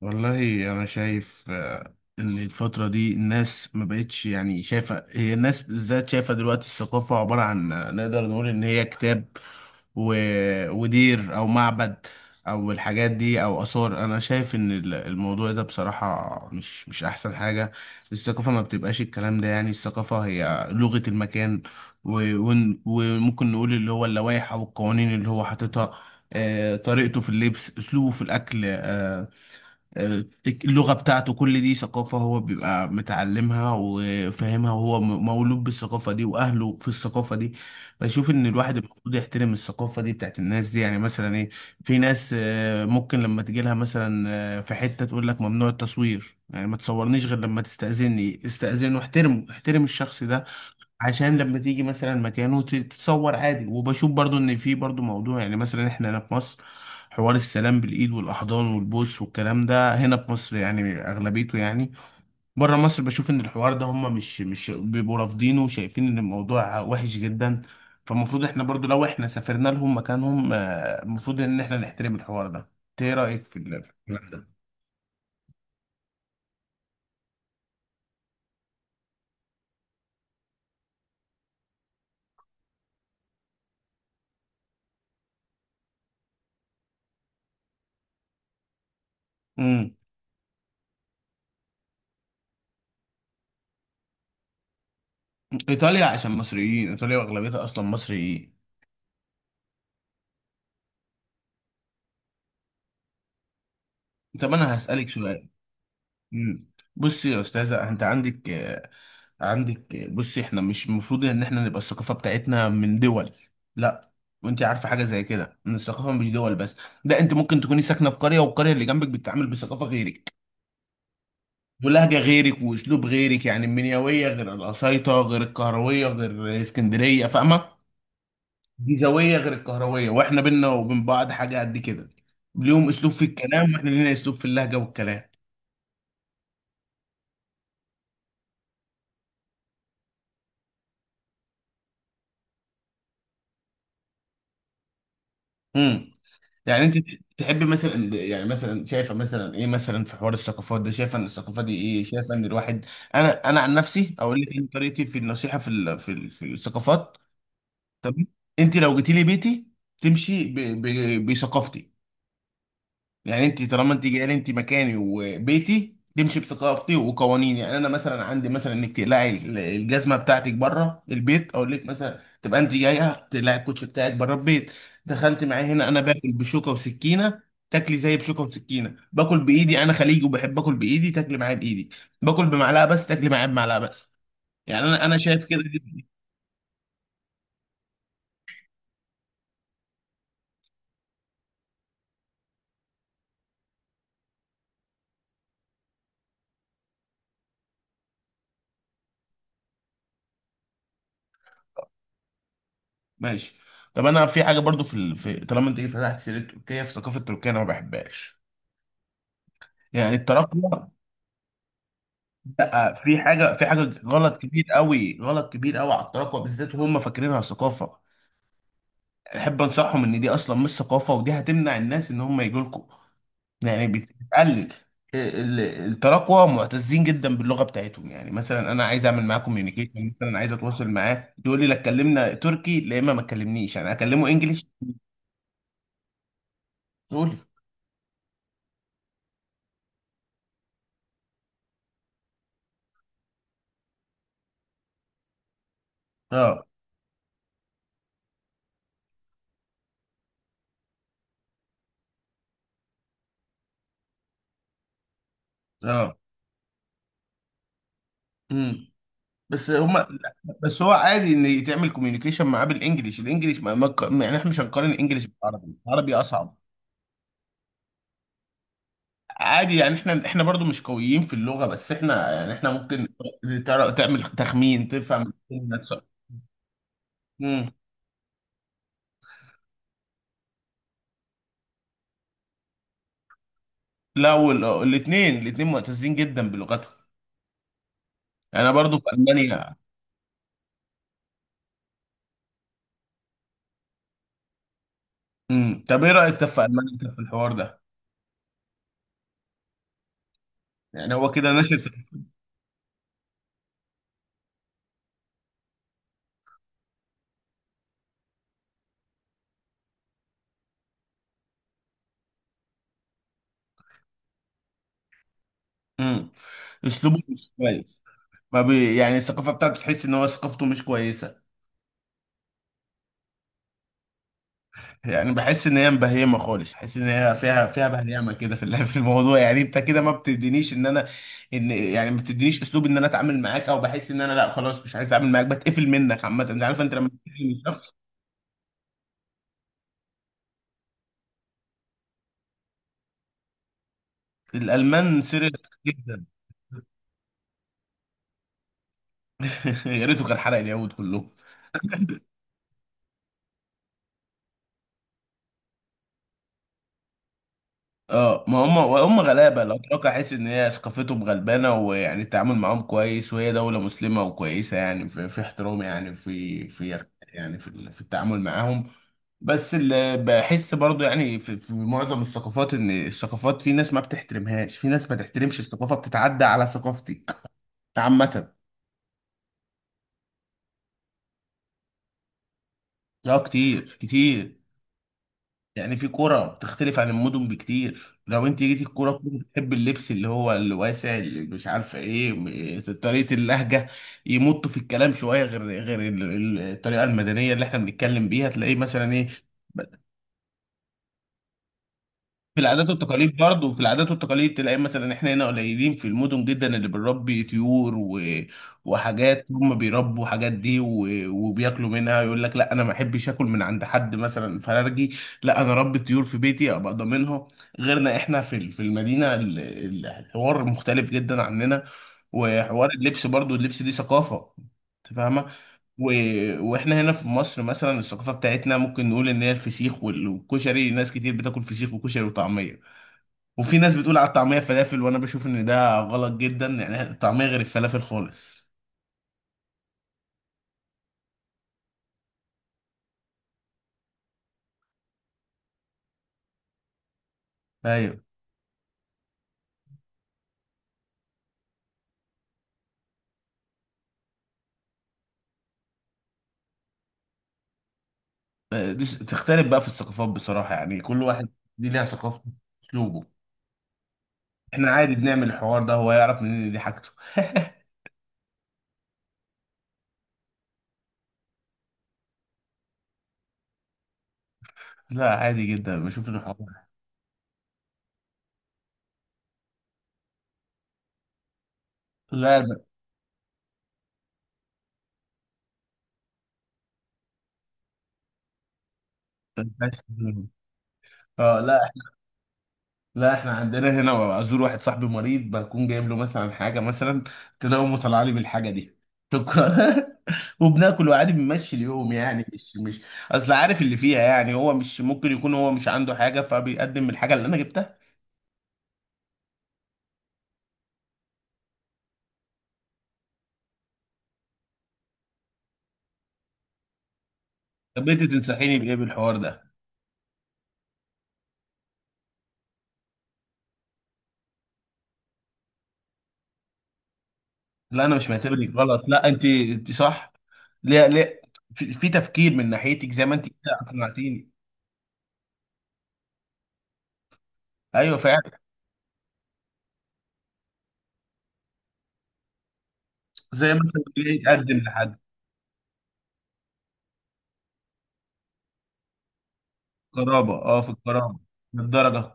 والله انا شايف ان الفتره دي الناس ما بقتش يعني شايفه هي الناس بالذات شايفه دلوقتي الثقافه عباره عن نقدر نقول ان هي كتاب و... ودير او معبد او الحاجات دي او اثار انا شايف ان الموضوع ده بصراحه مش احسن حاجه. الثقافه ما بتبقاش الكلام ده، يعني الثقافه هي لغه المكان و... وممكن نقول اللي هو اللوائح او القوانين اللي هو حاططها، طريقته في اللبس، اسلوبه في الاكل، اللغة بتاعته، كل دي ثقافة هو بيبقى متعلمها وفاهمها، وهو مولود بالثقافة دي وأهله في الثقافة دي. بشوف إن الواحد المفروض يحترم الثقافة دي بتاعت الناس دي. يعني مثلا إيه، في ناس ممكن لما تجيلها مثلا في حتة تقول لك ممنوع التصوير، يعني ما تصورنيش غير لما تستأذني، استأذن واحترمه، احترم الشخص ده عشان لما تيجي مثلا مكانه تتصور عادي. وبشوف برضو ان في برضو موضوع، يعني مثلا احنا هنا في مصر حوار السلام بالايد والاحضان والبوس والكلام ده، هنا في مصر يعني اغلبيته يعني. بره مصر بشوف ان الحوار ده هم مش بيبقوا رافضينه، وشايفين ان الموضوع وحش جدا. فالمفروض احنا برضو لو احنا سافرنا لهم مكانهم المفروض ان احنا نحترم الحوار ده. إنت ايه رايك في في الكلام ده؟ امم ايطاليا، عشان مصريين، ايطاليا واغلبيتها اصلا مصريين. طب انا هسالك سؤال. مم. بصي يا استاذه، انت عندك عندك بصي، احنا مش المفروض ان احنا نبقى الثقافه بتاعتنا من دول، لا. وانت عارفه حاجه زي كده، ان الثقافه مش دول بس، ده انت ممكن تكوني ساكنه في قريه والقريه اللي جنبك بتتعامل بثقافه غيرك ولهجه غيرك واسلوب غيرك. يعني المنيويه غير القصيطه غير القهرويه غير اسكندريه، فاهمه؟ الجيزاويه غير القهرويه، واحنا بينا وبين بعض حاجه قد كده. ليهم اسلوب في الكلام، واحنا لينا اسلوب في اللهجه والكلام. امم يعني انت تحب مثلا، يعني مثلا شايفه مثلا ايه مثلا في حوار الثقافات ده، شايفه ان الثقافه دي ايه، شايفه ان الواحد، انا عن نفسي اقول لك ان طريقتي في النصيحه في في الثقافات. تمام. انت لو جيتي لي بيتي تمشي بثقافتي. يعني انت طالما انت جايه لي، انت مكاني وبيتي، تمشي بثقافتي وقوانيني. يعني انا مثلا عندي مثلا انك تقلعي الجزمه بتاعتك بره البيت، اقول لك مثلا تبقى انت جايه تقلعي الكوتش بتاعك بره البيت. دخلت معايا هنا، انا باكل بشوكه وسكينه، تاكلي زي بشوكه وسكينه. باكل بايدي، انا خليجي وبحب اكل بايدي، تاكلي معايا بايدي. باكل بمعلقه بس، تاكلي معايا بمعلقه بس. يعني انا شايف كده دي-. ماشي. طب انا في حاجه برضو طالما انت فتحت سيره تركيا، في ثقافه تركيا انا ما بحبهاش، يعني التراكم. لا، في حاجه غلط كبير قوي، غلط كبير قوي على التراكوة بالذات وهم فاكرينها ثقافه. احب انصحهم ان دي اصلا مش ثقافه، ودي هتمنع الناس ان هم يجوا لكم. يعني بتقلل ال- التراكوة معتزين جدا باللغه بتاعتهم. يعني مثلا انا عايز اعمل معاه كوميونيكيشن، مثلا عايز اتواصل معاه، تقول لي لا اتكلمنا تركي. لا، اما ما تكلمنيش انا اكلمه انجليش. تقول لي. اه، اه. بس هما لا، بس هو عادي ان يتعمل كوميونيكيشن معاه بالانجليش، الانجليش يعني احنا مش هنقارن الانجليش بالعربي، العربي اصعب. عادي، يعني احنا برضو مش قويين في اللغة، بس احنا يعني احنا ممكن تعمل تخمين، تفهم الكلمة، تص-. مم. لا، والاثنين معتزين جدا بلغتهم، انا برضو في المانيا. طب ايه رايك طب في المانيا، طب في الحوار ده؟ يعني هو كده ناشر في. مم. اسلوبه مش كويس. ما بي... يعني الثقافة بتاعته تحس ان هو ثقافته مش كويسة. يعني بحس ان هي مبهيمه خالص، بحس ان هي فيها بهيمه كده في في الموضوع. يعني انت كده ما بتدينيش ان انا، ان يعني ما بتدينيش اسلوب ان انا اتعامل معاك، او بحس ان انا، لا خلاص مش عايز اتعامل معاك، بتقفل منك عامه. انت عارف انت لما بتقفل من شخص؟ الالمان سيريس جدا. يا ريته كان حرق اليهود كلهم. اه، ما هم غلابه الاتراك، احس ان هي ثقافتهم غلبانه، ويعني التعامل معاهم كويس، وهي دوله مسلمه وكويسه. يعني في احترام، يعني في في، يعني في التعامل معاهم. بس اللي بحس برضو يعني في معظم الثقافات، ان الثقافات في ناس ما بتحترمهاش، في ناس ما تحترمش الثقافه، بتتعدى على ثقافتك عامه. اه كتير كتير. يعني في كرة بتختلف عن المدن بكتير، لو انت جيتي الكرة كنت بتحب اللبس اللي هو الواسع اللي مش عارفة ايه، طريقة اللهجة يمطوا في الكلام شوية، غير الطريقة المدنية اللي احنا بنتكلم بيها. تلاقيه مثلا ايه، في العادات والتقاليد برضه. وفي العادات والتقاليد تلاقي مثلا احنا هنا قليلين في المدن جدا اللي بنربي طيور وحاجات، هم بيربوا حاجات دي وبياكلوا منها. يقول لك لا انا ما احبش اكل من عند حد مثلا فرارجي، لا انا ربي طيور في بيتي ابقى ضامنها. غيرنا احنا في في المدينه الحوار مختلف جدا عننا. وحوار اللبس برضه، اللبس دي ثقافه، انت فاهمه؟ و... واحنا هنا في مصر مثلا الثقافه بتاعتنا ممكن نقول ان هي الفسيخ والكشري. ناس كتير بتاكل فسيخ وكشري وطعميه، وفي ناس بتقول على الطعميه فلافل، وانا بشوف ان ده غلط جدا، يعني الطعميه غير الفلافل خالص. ايوه. دي تختلف بقى في الثقافات بصراحه، يعني كل واحد دي ليها ثقافه، اسلوبه. احنا عادي بنعمل الحوار ده، هو يعرف منين إن دي حاجته؟ لا عادي جدا بشوف الحوار. لا ب- بس- اه لا، لا احنا عندنا هنا ازور واحد صاحبي مريض، بكون جايب له مثلا حاجه، مثلا تلاقيه طالع لي بالحاجه دي، شكرا. وبناكل وعادي بنمشي اليوم، يعني مش اصل عارف اللي فيها. يعني هو مش ممكن يكون هو مش عنده حاجه فبيقدم الحاجه اللي انا جبتها. طب انت تنصحيني بايه بالحوار ده؟ لا انا مش معتبرك غلط، لا انت انت صح. ليه؟ ليه؟ في تفكير من ناحيتك زي ما انت كده اقنعتيني. ايوه فعلا. زي مثلا ليه يقدم لحد. قرابه، اه، في القرابه. للدرجه؟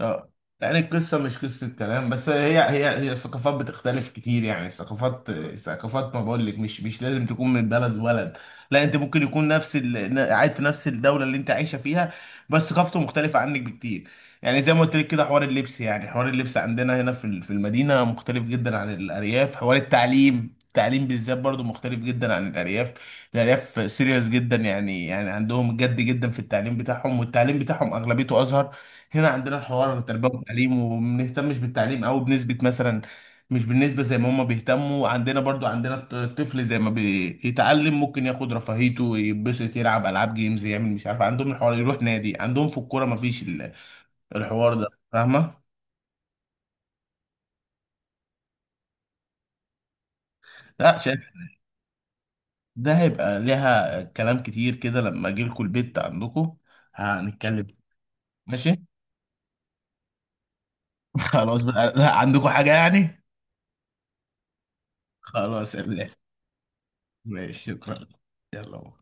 اه. يعني القصة مش قصة كلام بس، هي هي هي الثقافات بتختلف كتير، يعني الثقافات الثقافات، ما بقول لك مش لازم تكون من بلد ولد، لا انت ممكن يكون نفس قاعد في نفس الدولة اللي انت عايشة فيها، بس ثقافته مختلفة عنك بكتير. يعني زي ما قلت لك كده، حوار اللبس، يعني حوار اللبس عندنا هنا في في المدينة مختلف جدا عن الأرياف. حوار التعليم، التعليم بالذات برضو مختلف جدا عن الأرياف. الأرياف سيريس جدا، يعني يعني عندهم جد جدا في التعليم بتاعهم، والتعليم بتاعهم أغلبيته أزهر. هنا عندنا الحوار التربية والتعليم، وما بنهتمش بالتعليم أوي بنسبة مثلا، مش بالنسبة زي ما هما بيهتموا. عندنا برضو عندنا الطفل زي ما بيتعلم ممكن ياخد رفاهيته، يتبسط، يلعب ألعاب جيمز، يعمل مش عارف، عندهم الحوار يروح نادي، عندهم في الكورة، مفيش الحوار ده، فاهمة؟ لا شايف، ده هيبقى ليها كلام كتير كده لما أجي لكم البيت عندكم هنتكلم. ماشي؟ خلاص بقى، لا عندكم حاجة يعني؟ خلاص يا بلاش. ماشي، شكرا. يلا.